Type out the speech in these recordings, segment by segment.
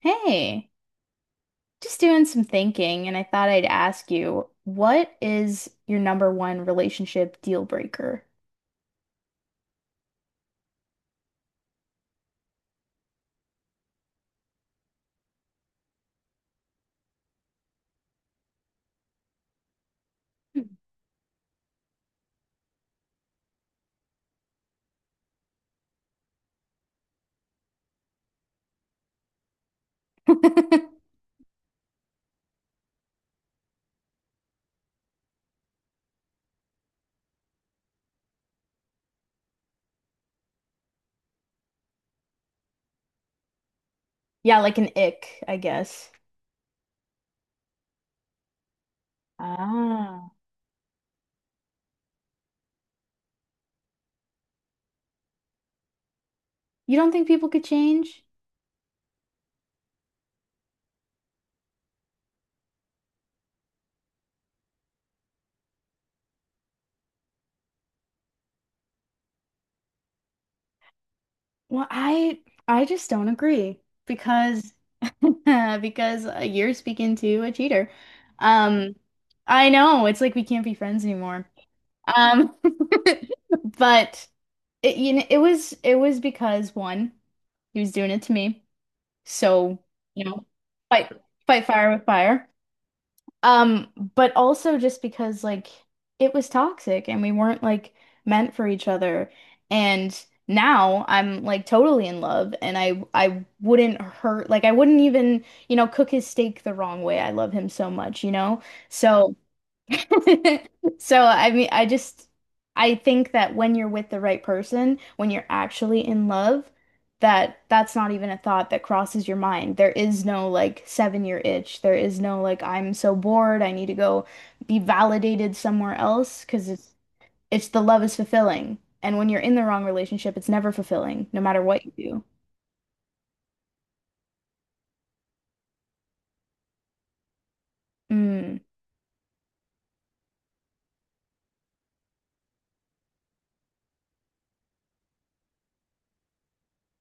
Hey, just doing some thinking, and I thought I'd ask you, what is your number one relationship deal breaker? Yeah, like an ick, I guess. Ah, you don't think people could change? Well, I just don't agree because Because you're speaking to a cheater. Um, I know, it's like we can't be friends anymore. Um, but It was because one, he was doing it to me. So, you know, fight fight fire with fire. But also just because like it was toxic and we weren't like meant for each other. And now I'm like totally in love and I wouldn't hurt like I wouldn't even, cook his steak the wrong way. I love him so much, you know? So So, I mean, I just I think that when you're with the right person, when you're actually in love, that that's not even a thought that crosses your mind. There is no like 7-year itch. There is no like I'm so bored, I need to go be validated somewhere else because it's the love is fulfilling. And when you're in the wrong relationship, it's never fulfilling, no matter what you do. Mm,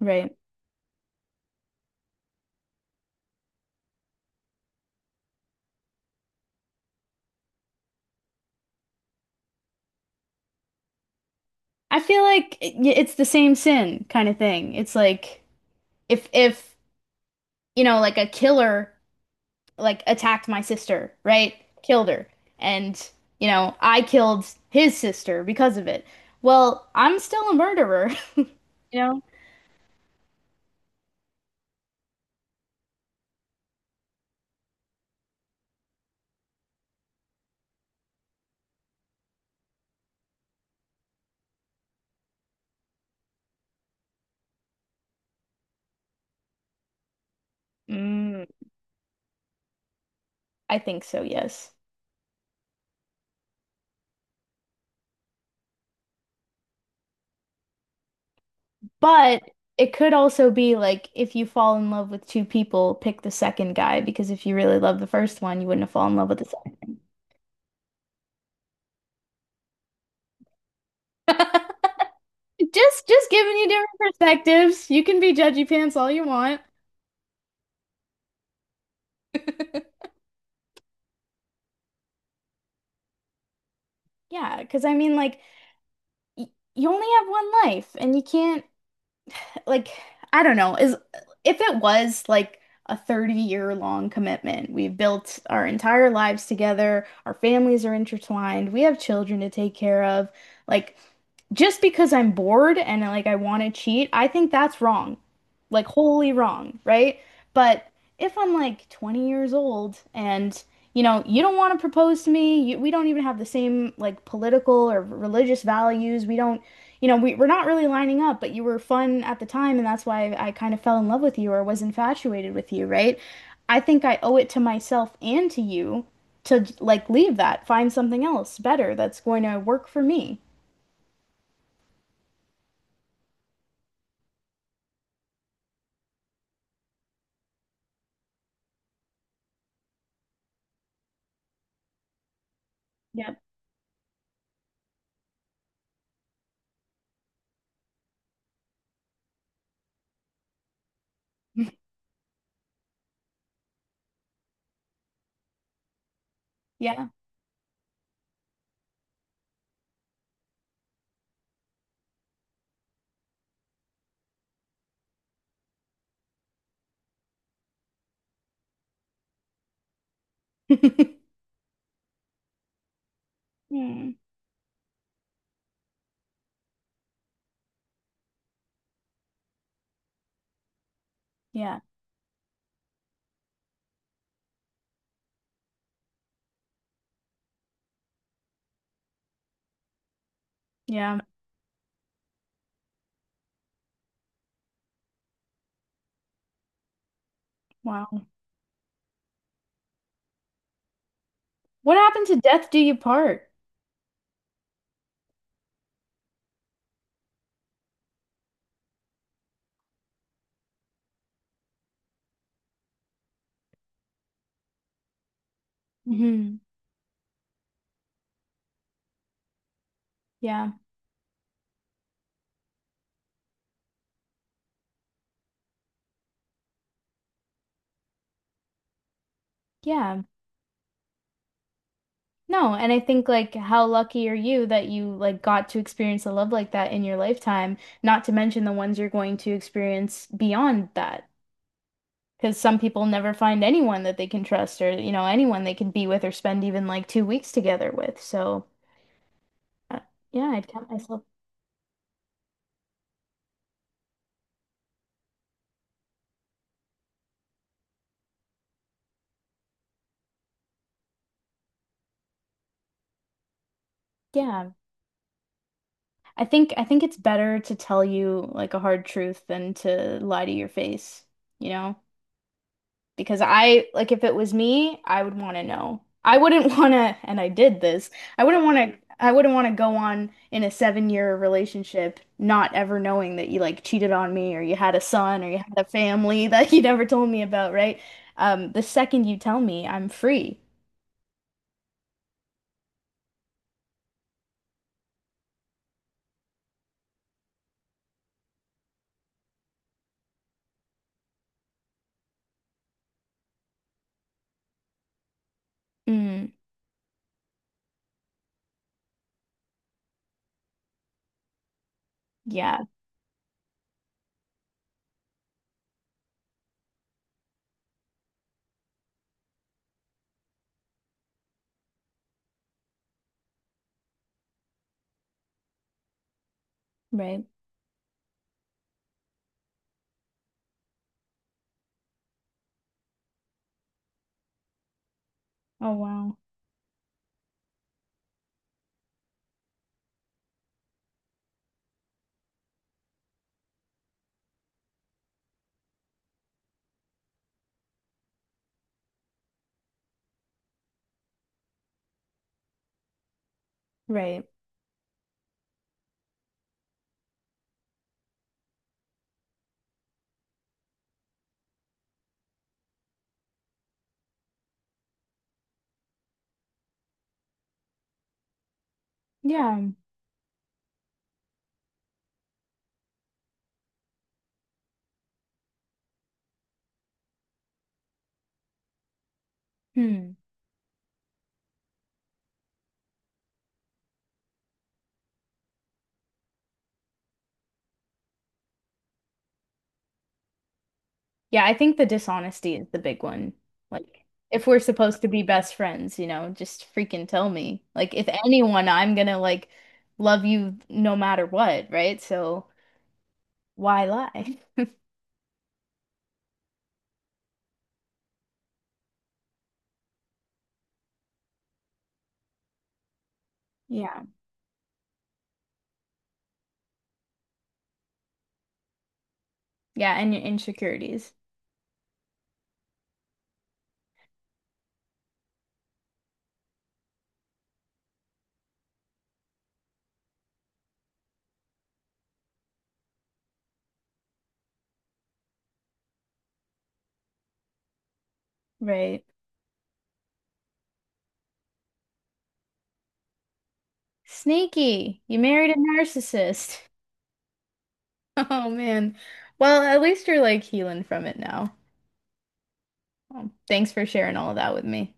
right. I feel like it's the same sin kind of thing. It's like if like a killer like attacked my sister, right? Killed her. And, you know, I killed his sister because of it. Well, I'm still a murderer, you know? Mm, I think so, yes. But it could also be like if you fall in love with two people, pick the second guy because if you really love the first one, you wouldn't have fallen in love with the second. Just giving you different perspectives. You can be judgy pants all you want. Yeah, because I mean like y you only have one life and you can't like I don't know, is if it was like a 30-year long commitment, we've built our entire lives together, our families are intertwined, we have children to take care of, like just because I'm bored and like I want to cheat, I think that's wrong. Like wholly wrong, right? But if I'm like 20 years old and you know, you don't want to propose to me, we don't even have the same like political or religious values. We don't, you know, we're not really lining up, but you were fun at the time and that's why I kind of fell in love with you or was infatuated with you, right? I think I owe it to myself and to you to like leave that, find something else better that's going to work for me. Yep. Yeah. Hmm. Yeah. Yeah. Wow. What happened to death do you part? Hmm. Yeah. Yeah. No, and I think like how lucky are you that you like got to experience a love like that in your lifetime, not to mention the ones you're going to experience beyond that. Because some people never find anyone that they can trust or, you know, anyone they can be with or spend even like 2 weeks together with. So, uh, yeah, I'd count myself. Yeah. I think it's better to tell you like a hard truth than to lie to your face, you know? Because I like if it was me, I would want to know. I wouldn't want to, and I did this. I wouldn't want to go on in a seven-year relationship not ever knowing that you like cheated on me or you had a son or you had a family that you never told me about, right? The second you tell me, I'm free. Mm, yeah, right. Oh wow. Right. Yeah. Hmm. Yeah, I think the dishonesty is the big one. Like, if we're supposed to be best friends, you know, just freaking tell me. Like, if anyone, I'm gonna like love you no matter what, right? So why lie? Yeah. Yeah, and your insecurities. Right. Sneaky. You married a narcissist. Oh man. Well, at least you're like healing from it now. Thanks for sharing all of that with me.